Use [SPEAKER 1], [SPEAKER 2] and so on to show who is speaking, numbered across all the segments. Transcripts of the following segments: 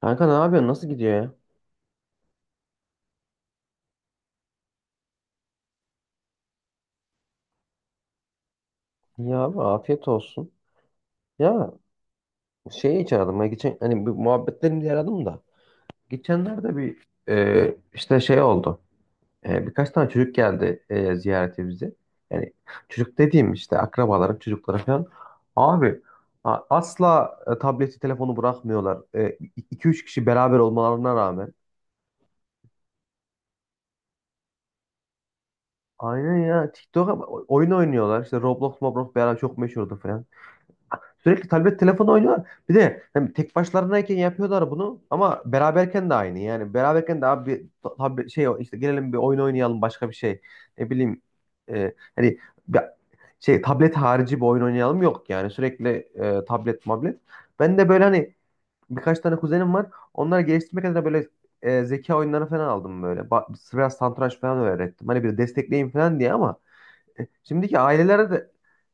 [SPEAKER 1] Kanka ne yapıyorsun? Nasıl gidiyor ya? Ya abi afiyet olsun. Ya şeyi hiç aradım. Ben geçen hani bir muhabbetlerim diye aradım da. Geçenlerde bir işte şey oldu. Birkaç tane çocuk geldi ziyarete bize. Yani çocuk dediğim işte akrabalarım, çocukları falan. Abi asla tableti, telefonu bırakmıyorlar. 2 üç kişi beraber olmalarına rağmen. Aynen ya. TikTok'a oyun oynuyorlar. İşte Roblox, Roblox beraber çok meşhurdu falan. Sürekli tablet telefon oynuyorlar. Bir de hem tek başlarındayken yapıyorlar bunu ama beraberken de aynı. Yani beraberken de abi bir tablet şey işte gelelim bir oyun oynayalım başka bir şey. Ne bileyim hani bir- şey tablet harici bir oyun oynayalım yok yani sürekli tablet mablet. Ben de böyle hani birkaç tane kuzenim var. Onları geliştirmek adına böyle zeka oyunları falan aldım böyle. Biraz satranç falan öğrettim. Hani bir destekleyin falan diye ama e, Şimdiki ailelere de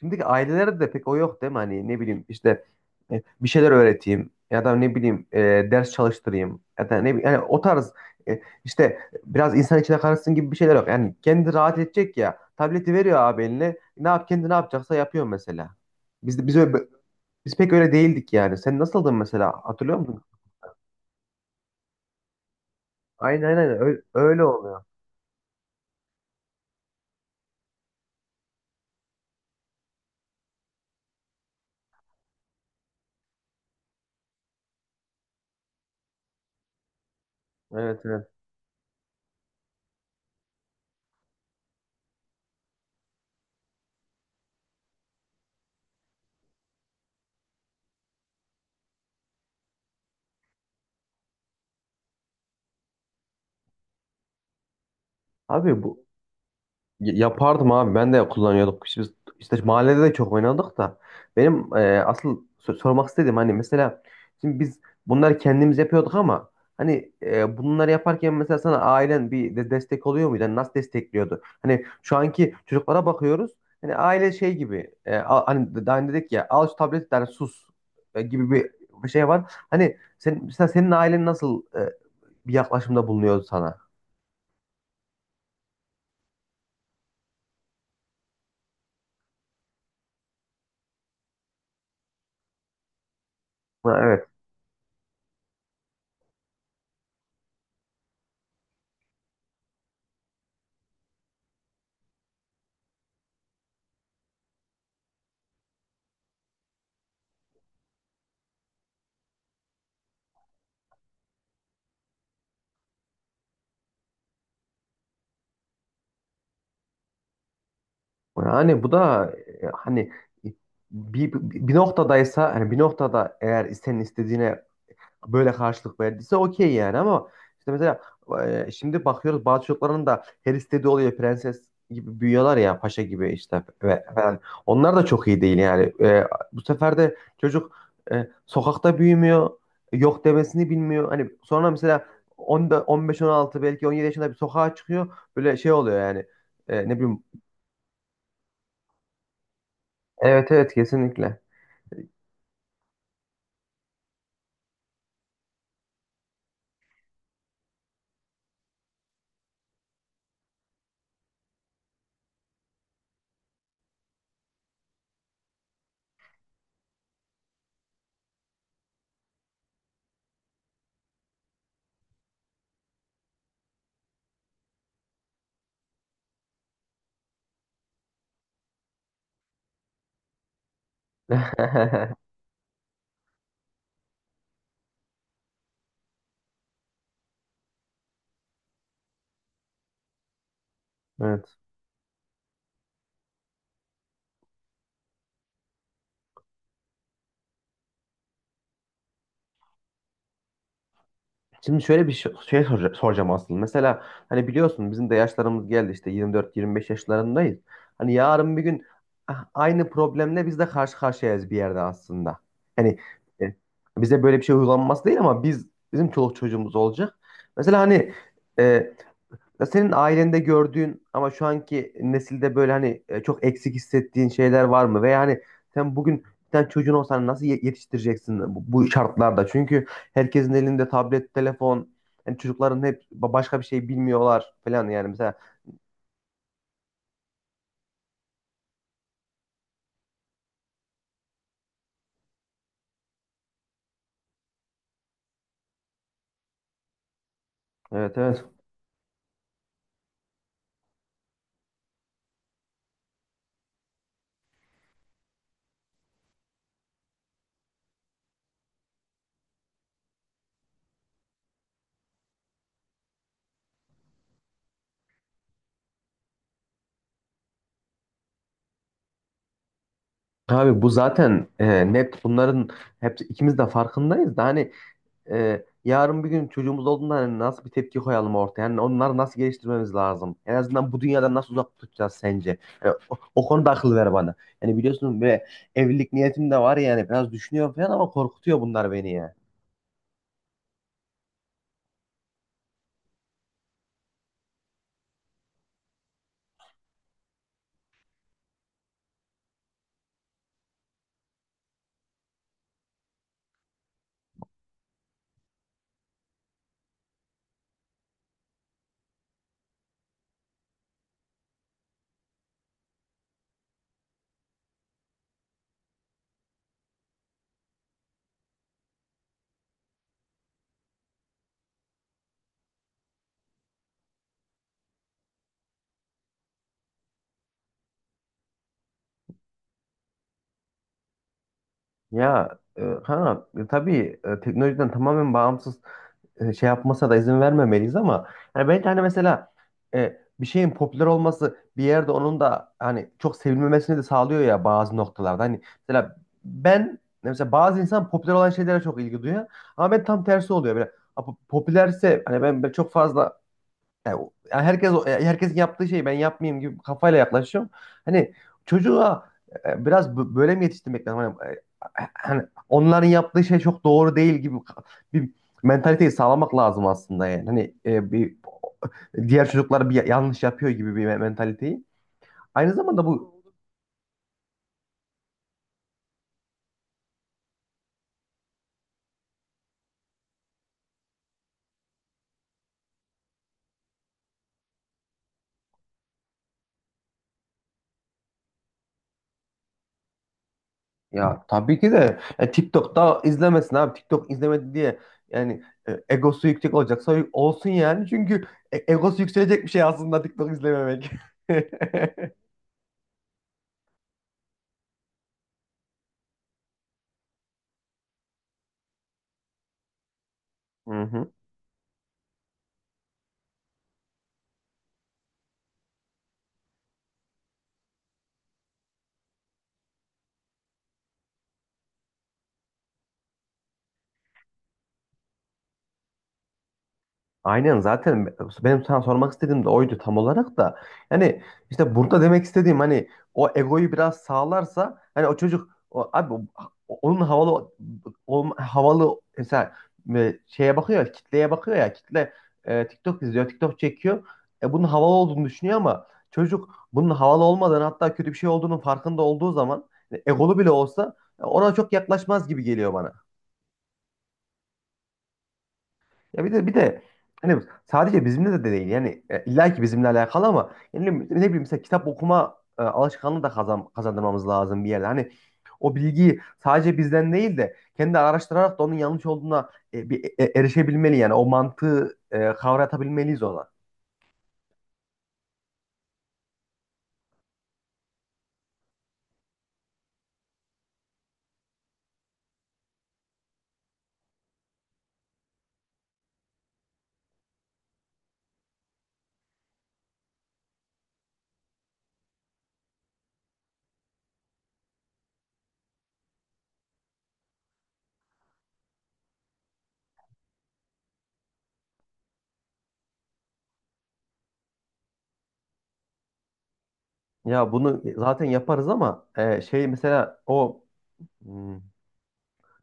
[SPEAKER 1] şimdiki ailelerde de pek o yok değil mi? Hani ne bileyim işte bir şeyler öğreteyim ya da ne bileyim ders çalıştırayım ya da ne bileyim yani o tarz işte biraz insan içine karışsın gibi bir şeyler yok. Yani kendi rahat edecek ya tableti veriyor abi eline ne yap kendi ne yapacaksa yapıyor mesela. Biz öyle, biz pek öyle değildik yani. Sen nasıldın mesela hatırlıyor musun? Aynen aynen öyle, öyle oluyor. Evet, evet. Abi bu Yapardım abi ben de kullanıyorduk. İşte biz işte mahallede de çok oynadık da. Benim asıl sormak istediğim hani mesela şimdi biz bunları kendimiz yapıyorduk ama hani bunları yaparken mesela sana ailen bir de destek oluyor muydu? Hani nasıl destekliyordu? Hani şu anki çocuklara bakıyoruz. Hani aile şey gibi hani daha önce dedik ya al şu tableti yani sus gibi bir şey var. Hani sen, mesela senin ailen nasıl bir yaklaşımda bulunuyordu sana? Ha, evet. Yani bu da hani bir, bir noktadaysa hani bir noktada eğer senin istediğine böyle karşılık verdiyse okey yani ama işte mesela şimdi bakıyoruz bazı çocukların da her istediği oluyor prenses gibi büyüyorlar ya paşa gibi işte ve falan. Onlar da çok iyi değil yani. Bu sefer de çocuk sokakta büyümüyor. Yok demesini bilmiyor. Hani sonra mesela 10'da 15-16 belki 17 yaşında bir sokağa çıkıyor. Böyle şey oluyor yani. Ne bileyim. Evet, evet, kesinlikle. Evet. Şimdi şöyle bir şey soracağım aslında. Mesela hani biliyorsun bizim de yaşlarımız geldi işte 24-25 yaşlarındayız. Hani yarın bir gün aynı problemle biz de karşı karşıyayız bir yerde aslında. Hani e, bize böyle bir şey uygulanması değil ama bizim çoluk çocuğumuz olacak. Mesela hani e, ya senin ailende gördüğün ama şu anki nesilde böyle hani çok eksik hissettiğin şeyler var mı? Veya hani sen bugün bir tane çocuğun olsan hani nasıl yetiştireceksin bu şartlarda? Çünkü herkesin elinde tablet, telefon, yani çocukların hep başka bir şey bilmiyorlar falan yani mesela. Evet, evet. Abi bu zaten net bunların hepsi ikimiz de farkındayız da hani yarın bir gün çocuğumuz olduğunda hani nasıl bir tepki koyalım ortaya? Yani onları nasıl geliştirmemiz lazım? En azından bu dünyadan nasıl uzak tutacağız sence? Yani o konuda akıl ver bana. Yani biliyorsun böyle evlilik niyetim de var yani biraz düşünüyorum falan ama korkutuyor bunlar beni ya. Ya tabii, teknolojiden tamamen bağımsız şey yapmasına da izin vermemeliyiz ama yani ben hani mesela bir şeyin popüler olması bir yerde onun da hani çok sevilmemesini de sağlıyor ya bazı noktalarda. Hani mesela ben mesela bazı insan popüler olan şeylere çok ilgi duyuyor ama ben tam tersi oluyor. Böyle, "Ha, bu popülerse hani ben çok fazla yani yani herkes yaptığı şeyi ben yapmayayım gibi kafayla yaklaşıyorum. Hani çocuğa biraz böyle mi yetiştirmek lazım? Hani, onların yaptığı şey çok doğru değil gibi bir mentaliteyi sağlamak lazım aslında yani. Hani bir diğer çocuklar bir yanlış yapıyor gibi bir mentaliteyi. Aynı zamanda bu. Ya tabii ki de TikTok'ta izlemesin abi. TikTok izlemedi diye yani egosu yüksek olacaksa olsun yani. Çünkü egosu yükselecek bir şey aslında TikTok izlememek. Hı hı. Aynen, zaten benim sana sormak istediğim de oydu tam olarak da. Yani işte burada demek istediğim hani o egoyu biraz sağlarsa hani o çocuk o, abi o- onun havalı o, havalı mesela şeye bakıyor kitleye bakıyor ya kitle TikTok izliyor TikTok çekiyor. Bunun havalı olduğunu düşünüyor ama çocuk bunun havalı olmadan hatta kötü bir şey olduğunun farkında olduğu zaman egolu bile olsa ona çok yaklaşmaz gibi geliyor bana. Ya bir de hani sadece bizimle de değil yani illa ki bizimle alakalı ama yani ne bileyim mesela kitap okuma alışkanlığı da kazandırmamız lazım bir yerde. Hani o bilgiyi sadece bizden değil de kendi araştırarak da onun yanlış olduğuna bir erişebilmeli yani o mantığı kavratabilmeliyiz ona. Ya bunu zaten yaparız ama şey mesela o hmm,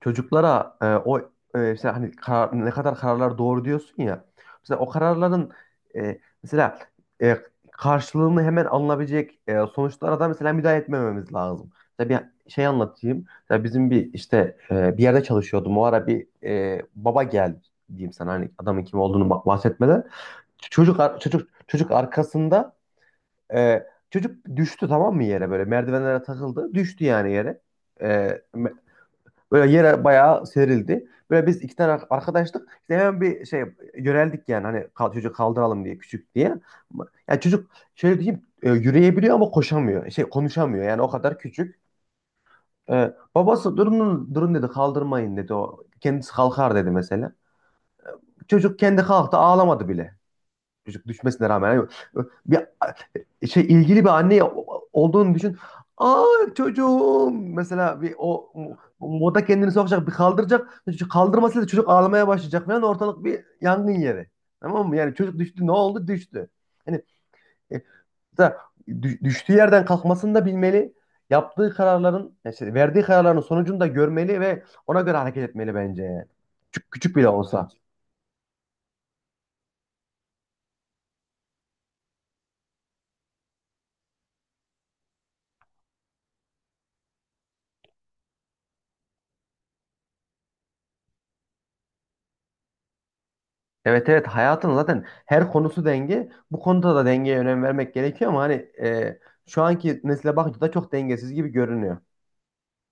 [SPEAKER 1] çocuklara mesela hani ne kadar kararlar doğru diyorsun ya. Mesela o kararların mesela e, karşılığını hemen alınabilecek sonuçlara da mesela müdahale etmememiz lazım. Mesela bir şey anlatayım. Mesela bizim bir işte bir yerde çalışıyordum. O ara bir baba geldi diyeyim sana hani adamın kim olduğunu bahsetmeden. Çocuk arkasında e, çocuk düştü, tamam mı, yere böyle merdivenlere takıldı. Düştü yani yere. E, Böyle yere bayağı serildi. Böyle biz iki tane arkadaştık. İşte hemen bir şey yöneldik yani hani çocuğu kaldıralım diye küçük diye. Yani çocuk şöyle diyeyim yürüyebiliyor ama koşamıyor. Şey konuşamıyor yani o kadar küçük. Babası durun durun dedi kaldırmayın dedi o. Kendisi kalkar dedi mesela. Çocuk kendi kalktı, ağlamadı bile. Çocuk düşmesine rağmen yani bir şey ilgili bir anne olduğunu düşün. Aa, çocuğum mesela bir o moda kendini sokacak bir kaldıracak. Çocuk kaldırmasıyla çocuk ağlamaya başlayacak falan, ortalık bir yangın yeri. Tamam mı? Yani çocuk düştü, ne oldu? Düştü. Hani e, mesela düştüğü yerden kalkmasını da bilmeli. Yaptığı kararların, yani şey, verdiği kararların sonucunu da görmeli ve ona göre hareket etmeli bence yani. Küçük, küçük bile olsa ki. Evet, evet, hayatın zaten her konusu denge. Bu konuda da dengeye önem vermek gerekiyor ama hani e, şu anki nesile bakınca da çok dengesiz gibi görünüyor.